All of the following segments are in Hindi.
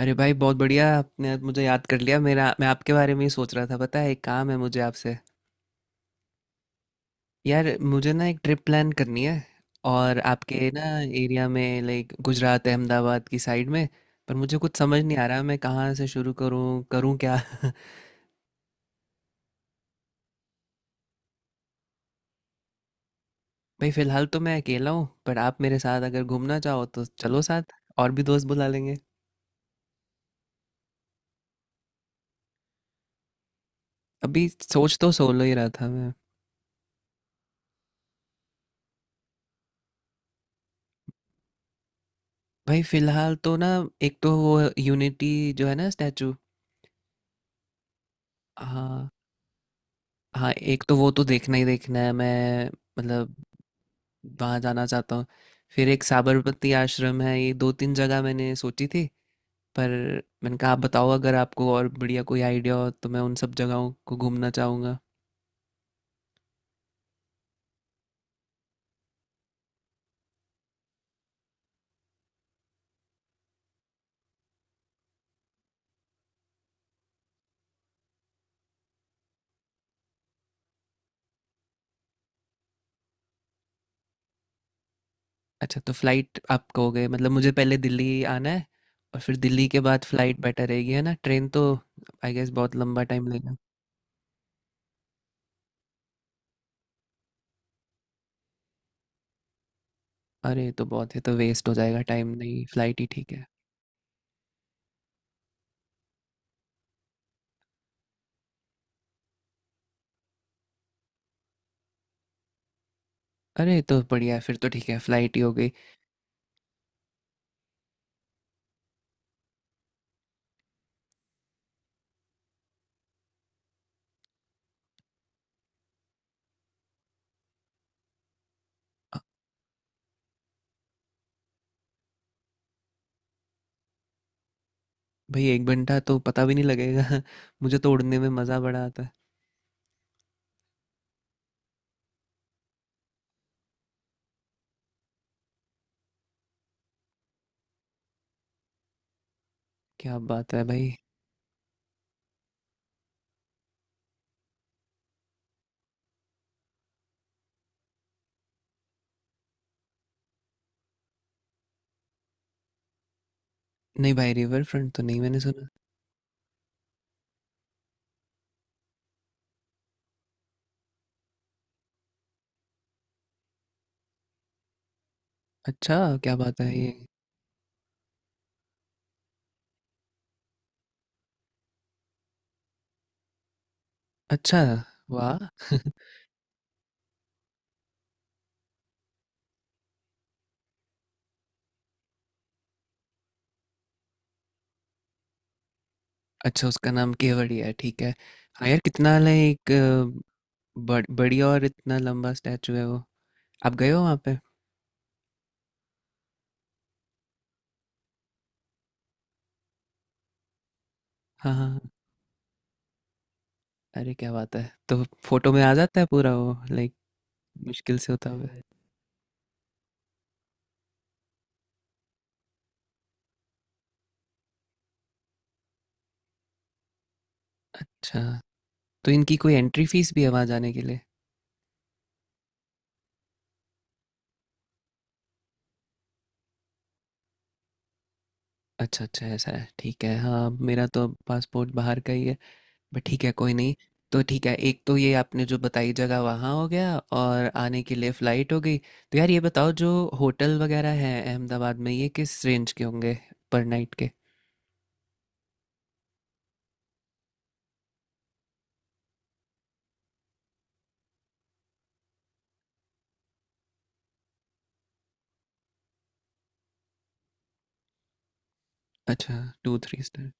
अरे भाई बहुत बढ़िया। आपने आज मुझे याद कर लिया, मेरा मैं आपके बारे में ही सोच रहा था। पता है, एक काम है मुझे आपसे। यार मुझे ना एक ट्रिप प्लान करनी है, और आपके ना एरिया में, लाइक गुजरात अहमदाबाद की साइड में। पर मुझे कुछ समझ नहीं आ रहा मैं कहाँ से शुरू करूँ, करूँ क्या। भाई फिलहाल तो मैं अकेला हूँ, पर आप मेरे साथ अगर घूमना चाहो तो चलो साथ। और भी दोस्त बुला लेंगे। अभी सोच तो सोलो ही रहा था मैं। भाई फिलहाल तो ना, एक तो वो यूनिटी जो है ना, स्टैचू। हाँ। हाँ एक तो वो तो देखना ही देखना है, मैं मतलब वहाँ जाना चाहता हूँ। फिर एक साबरमती आश्रम है, ये दो तीन जगह मैंने सोची थी। पर मैंने कहा आप बताओ, अगर आपको और बढ़िया कोई आइडिया हो तो मैं उन सब जगहों को घूमना चाहूँगा। अच्छा, तो फ्लाइट आप कहोगे मतलब। मुझे पहले दिल्ली आना है, और फिर दिल्ली के बाद फ्लाइट बेटर रहेगी है ना? ट्रेन तो आई गेस बहुत लंबा टाइम लेगा। अरे तो बहुत है, तो वेस्ट हो जाएगा टाइम, नहीं फ्लाइट ही ठीक है। अरे तो बढ़िया है, फिर तो ठीक है, फ्लाइट ही हो गई। भाई एक घंटा तो पता भी नहीं लगेगा। मुझे तो उड़ने में मज़ा बड़ा आता है। क्या बात है भाई। नहीं भाई, रिवर फ्रंट तो नहीं मैंने सुना। अच्छा। क्या बात है ये। अच्छा। वाह। अच्छा उसका नाम केवड़िया है, ठीक है। हाँ यार, कितना है एक बड़ी और इतना लंबा स्टैचू है वो। आप गए हो वहाँ पे? हाँ हाँ हाँ। अरे क्या बात है। तो फोटो में आ जाता है पूरा वो, लाइक मुश्किल से होता हुआ। अच्छा, तो इनकी कोई एंट्री फीस भी है वहाँ जाने के लिए? अच्छा अच्छा ऐसा है, ठीक है। हाँ मेरा तो पासपोर्ट बाहर का ही है। बट ठीक है, कोई नहीं। तो ठीक है, एक तो ये आपने जो बताई जगह वहाँ हो गया, और आने के लिए फ़्लाइट हो गई। तो यार ये बताओ, जो होटल वगैरह हैं अहमदाबाद में ये किस रेंज के होंगे पर नाइट के? अच्छा, टू थ्री स्टार।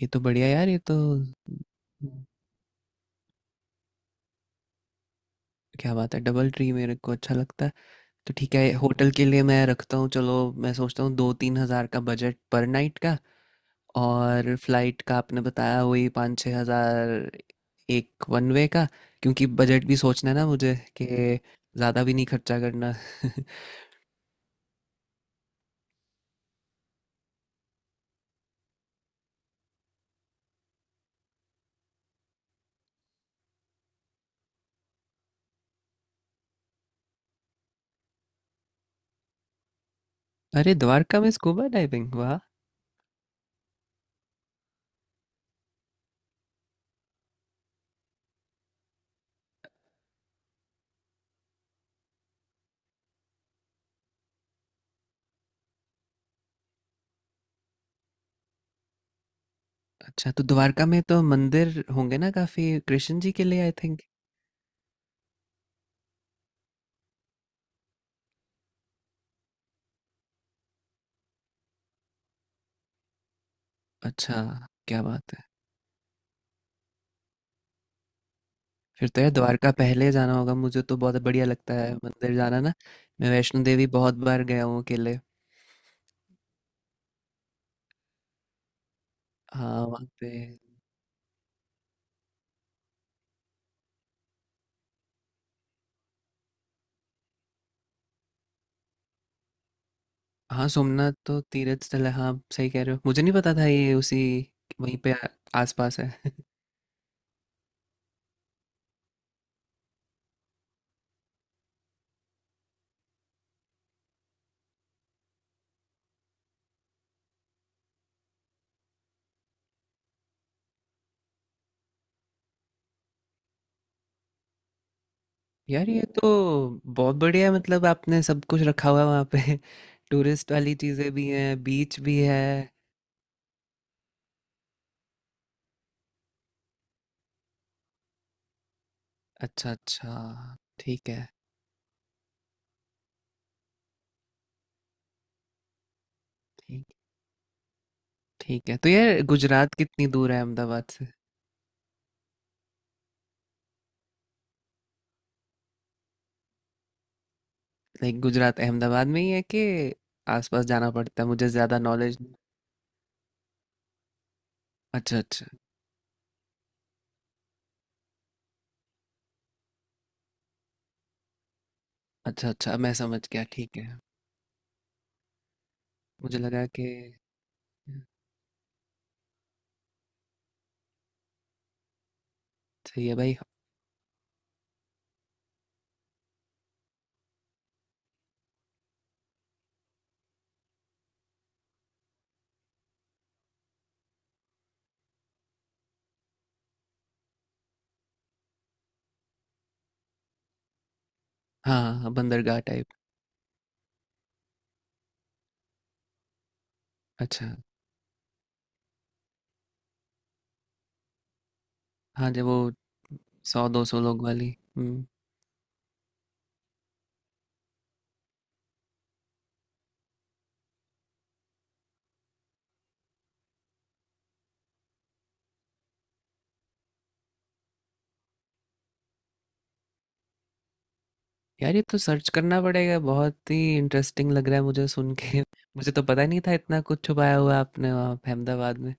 ये तो बढ़िया यार, ये तो क्या बात है, डबल ट्री मेरे को अच्छा लगता है। तो ठीक है, होटल के लिए मैं रखता हूँ चलो। मैं सोचता हूँ दो तीन हज़ार का बजट पर नाइट का। और फ्लाइट का आपने बताया वही पाँच छः हज़ार, एक वन वे का। क्योंकि बजट भी सोचना है ना मुझे, कि ज़्यादा भी नहीं खर्चा करना। अरे द्वारका में स्कूबा डाइविंग, वाह। अच्छा तो द्वारका में तो मंदिर होंगे ना काफ़ी, कृष्ण जी के लिए आई थिंक। अच्छा। क्या बात है। फिर तो यार द्वारका पहले जाना होगा, मुझे तो बहुत बढ़िया लगता है मंदिर जाना ना। मैं वैष्णो देवी बहुत बार गया हूँ अकेले। हाँ वहाँ पे। हाँ, सोमनाथ तो तीर्थ स्थल है। हाँ, सही कह रहे हो। मुझे नहीं पता था ये उसी वहीं पे आ- आसपास है। यार ये तो बहुत बढ़िया है, मतलब आपने सब कुछ रखा हुआ है वहाँ पे। टूरिस्ट वाली चीज़ें भी हैं, बीच भी है। अच्छा अच्छा ठीक है। ठीक। ठीक है तो ये गुजरात कितनी दूर है अहमदाबाद से? लाइक गुजरात अहमदाबाद में ही है, कि आसपास जाना पड़ता है? मुझे ज़्यादा नॉलेज नहीं। अच्छा अच्छा। अच्छा अच्छा मैं समझ गया, ठीक है। मुझे लगा कि। सही है भाई। हाँ, हाँ, बंदरगाह टाइप। अच्छा, हाँ, जब वो 100-200 लोग वाली। हुँ। यार, ये तो सर्च करना पड़ेगा, बहुत ही इंटरेस्टिंग लग रहा है मुझे सुन के। मुझे तो पता नहीं था इतना कुछ छुपाया हुआ है आपने वहाँ पे अहमदाबाद में।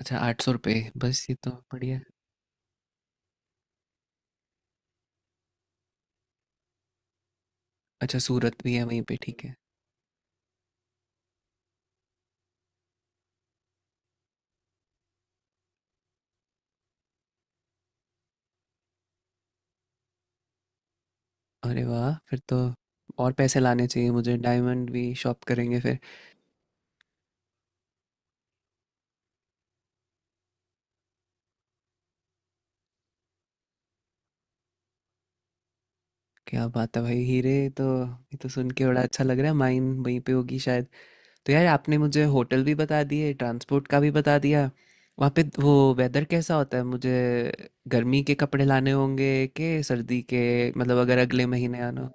अच्छा, ₹800 बस, ये तो बढ़िया है। अच्छा, सूरत भी है वहीं पे, ठीक है। अरे वाह! फिर तो और पैसे लाने चाहिए मुझे, डायमंड भी शॉप करेंगे फिर। क्या बात है भाई! हीरे तो, ये तो सुन के बड़ा अच्छा लग रहा है, माइन वहीं पे होगी शायद। तो यार आपने मुझे होटल भी बता दिए, ट्रांसपोर्ट का भी बता दिया। वहाँ पे वो वेदर कैसा होता है? मुझे गर्मी के कपड़े लाने होंगे कि सर्दी के? मतलब अगर अगले महीने आना हो।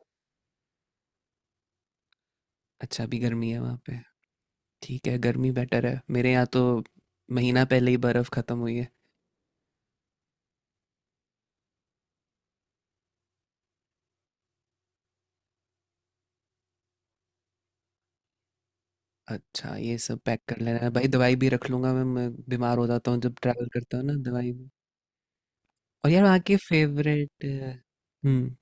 अच्छा अभी गर्मी है वहाँ पे। ठीक है, गर्मी बेटर है। मेरे यहाँ तो महीना पहले ही बर्फ़ ख़त्म हुई है। अच्छा ये सब पैक कर लेना है भाई, दवाई भी रख लूँगा मैं। मैं बीमार हो जाता हूँ जब ट्रैवल करता हूँ ना, दवाई भी। और यार वहाँ के फेवरेट हम्म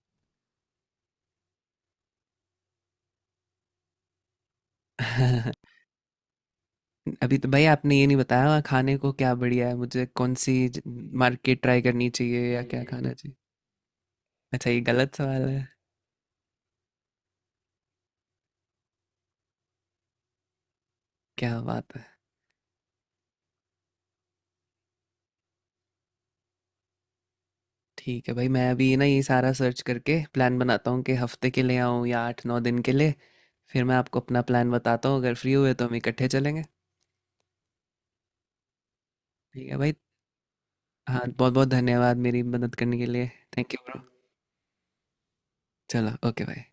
अभी तो भाई आपने ये नहीं बताया खाने को क्या बढ़िया है, मुझे कौन सी मार्केट ट्राई करनी चाहिए या क्या खाना चाहिए? अच्छा, ये गलत सवाल है? क्या बात है। ठीक है भाई, मैं अभी ना ये सारा सर्च करके प्लान बनाता हूँ, कि हफ्ते के लिए आऊँ या आठ नौ दिन के लिए। फिर मैं आपको अपना प्लान बताता हूँ, अगर फ्री हुए तो हम इकट्ठे चलेंगे। ठीक है भाई। हाँ बहुत बहुत धन्यवाद मेरी मदद करने के लिए। Thank you bro. चलो ओके भाई।